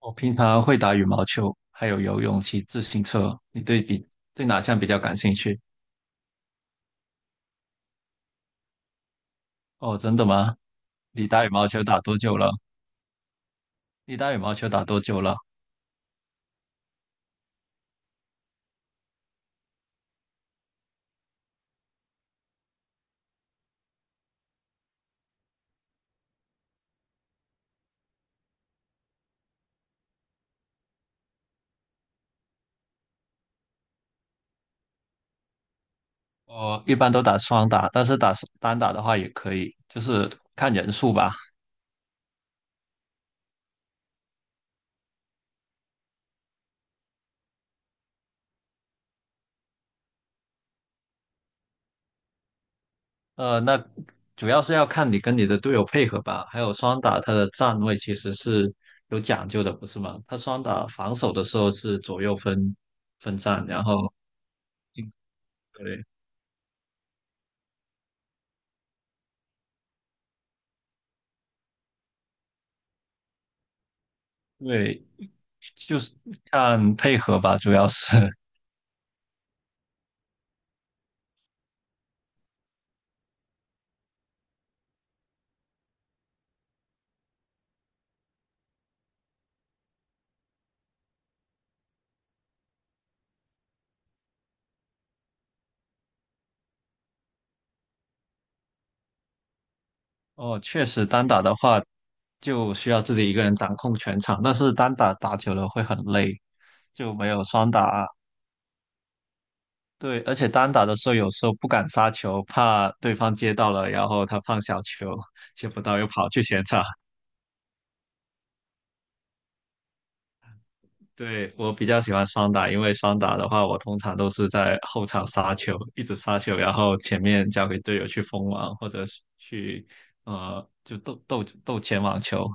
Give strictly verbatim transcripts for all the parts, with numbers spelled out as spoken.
我平常会打羽毛球，还有游泳、骑自行车。你对比对哪项比较感兴趣？哦，真的吗？你打羽毛球打多久了？你打羽毛球打多久了？我一般都打双打，但是打单打的话也可以，就是看人数吧。呃，那主要是要看你跟你的队友配合吧。还有双打，它的站位其实是有讲究的，不是吗？它双打防守的时候是左右分分站，然后对。对，就是看配合吧，主要是。哦，确实单打的话，就需要自己一个人掌控全场，但是单打打久了会很累，就没有双打。对，而且单打的时候有时候不敢杀球，怕对方接到了，然后他放小球，接不到又跑去前场。对，我比较喜欢双打，因为双打的话，我通常都是在后场杀球，一直杀球，然后前面交给队友去封网，或者是去呃就斗斗斗前网球。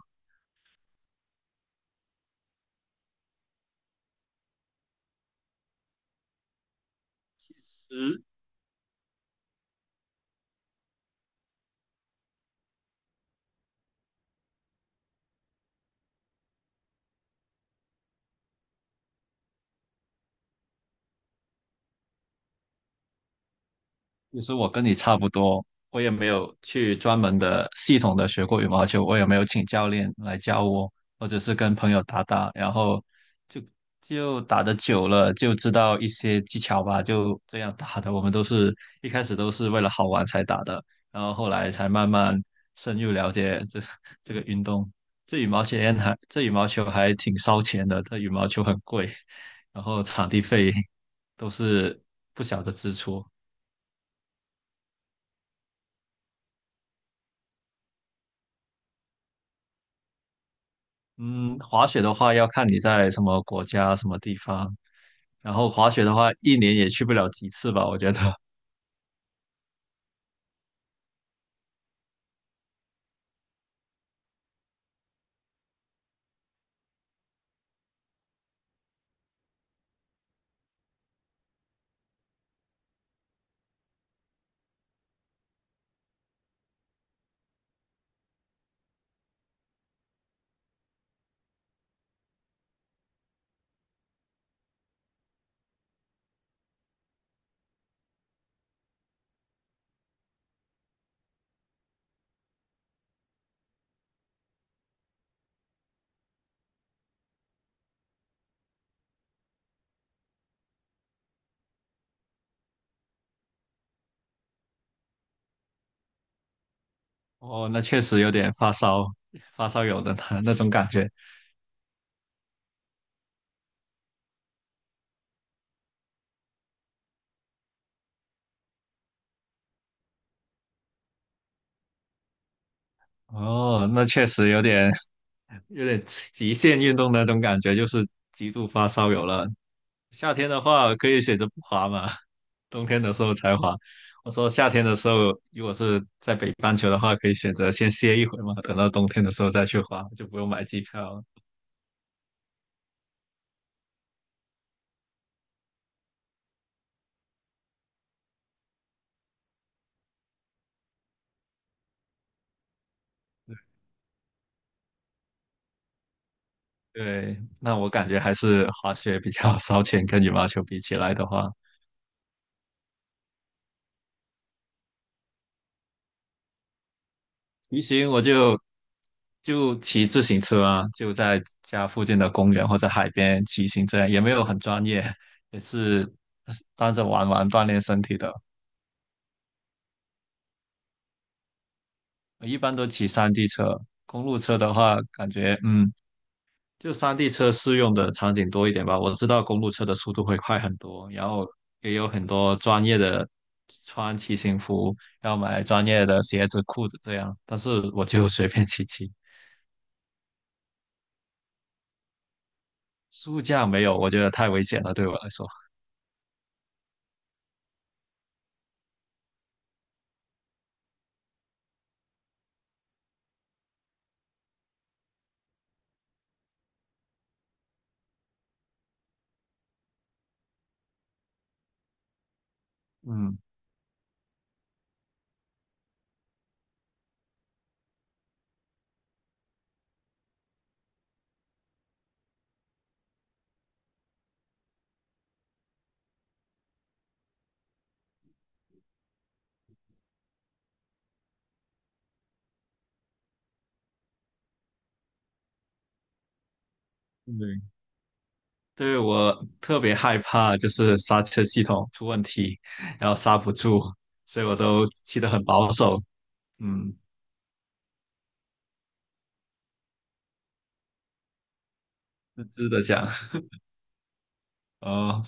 其实我跟你差不多，我也没有去专门的系统的学过羽毛球，我也没有请教练来教我，或者是跟朋友打打，然后就就打的久了，就知道一些技巧吧，就这样打的。我们都是一开始都是为了好玩才打的，然后后来才慢慢深入了解这 这个运动。这羽毛球还这羽毛球还挺烧钱的，这羽毛球很贵，然后场地费都是不小的支出。嗯，滑雪的话要看你在什么国家、什么地方。然后滑雪的话，一年也去不了几次吧，我觉得。哦，那确实有点发烧，发烧友的那那种感觉。哦，那确实有点有点极限运动的那种感觉，就是极度发烧友了。夏天的话可以选择不滑嘛，冬天的时候才滑。我说夏天的时候，如果是在北半球的话，可以选择先歇一会嘛，等到冬天的时候再去滑，就不用买机票。对，那我感觉还是滑雪比较 烧钱，跟羽毛球比起来的话，骑行我就就骑自行车啊，就在家附近的公园或者海边骑行，这样也没有很专业，也是当着玩玩锻炼身体的。我一般都骑山地车，公路车的话，感觉嗯就山地车适用的场景多一点吧。我知道公路车的速度会快很多，然后也有很多专业的穿骑行服，要买专业的鞋子、裤子这样。但是我就 随便骑骑，速驾没有，我觉得太危险了，对我来说。嗯，对，对我特别害怕就是刹车系统出问题，然后刹不住，所以我都骑得很保守。嗯，吱吱的响。哦。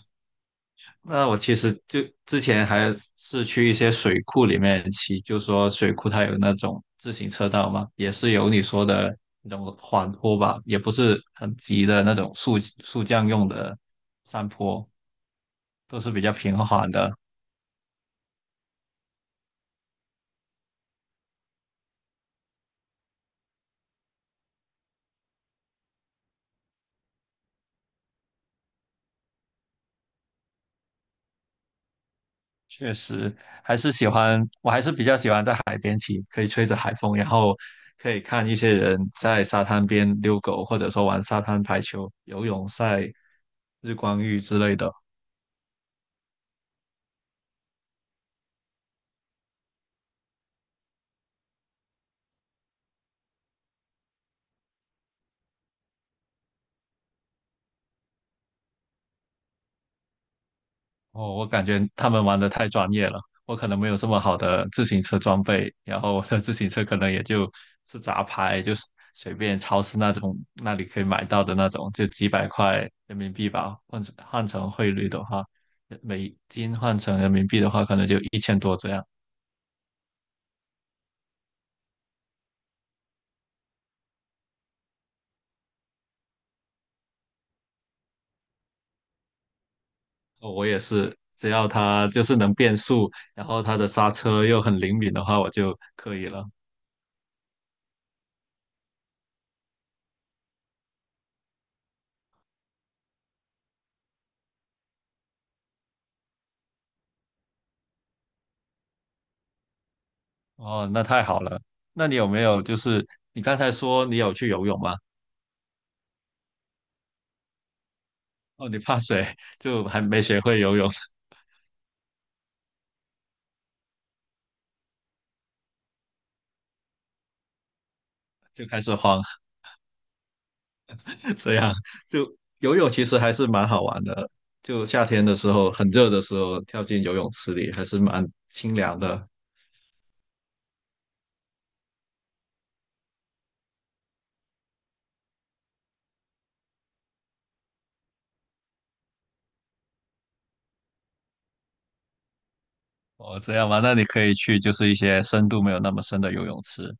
那我其实就之前还是去一些水库里面骑，就说水库它有那种自行车道嘛，也是有你说的那种缓坡吧，也不是很急的那种速速降用的山坡，都是比较平缓的。确实，还是喜欢，我还是比较喜欢在海边骑，可以吹着海风，然后可以看一些人在沙滩边遛狗，或者说玩沙滩排球、游泳赛、日光浴之类的。哦，我感觉他们玩的太专业了，我可能没有这么好的自行车装备，然后我的自行车可能也就是杂牌，就是随便超市那种那里可以买到的那种，就几百块人民币吧，换成换成汇率的话，美金换成人民币的话，可能就一千多这样。哦我也是，只要它就是能变速，然后它的刹车又很灵敏的话，我就可以了。哦，那太好了。那你有没有就是你刚才说你有去游泳吗？哦，你怕水，就还没学会游泳 就开始慌，这样就游泳其实还是蛮好玩的。就夏天的时候，很热的时候，跳进游泳池里还是蛮清凉的。哦，这样吗？那你可以去就是一些深度没有那么深的游泳池。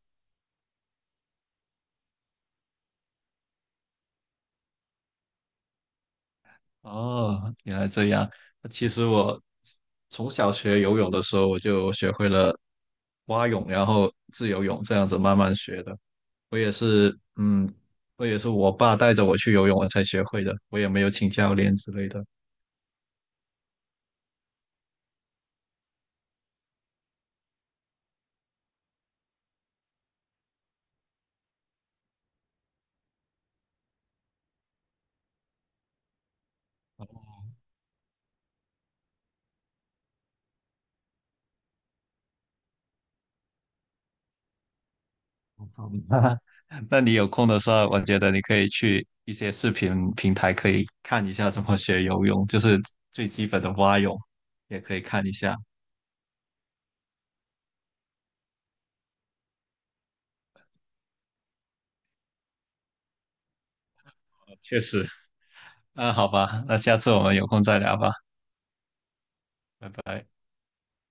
哦，原来这样。其实我从小学游泳的时候，我就学会了蛙泳，然后自由泳这样子慢慢学的。我也是，嗯，我也是我爸带着我去游泳，我才学会的，我也没有请教练之类的。好吧 那你有空的时候，我觉得你可以去一些视频平台可以看一下怎么学游泳，就是最基本的蛙泳，也可以看一下。确实，那好吧，那下次我们有空再聊吧，拜拜。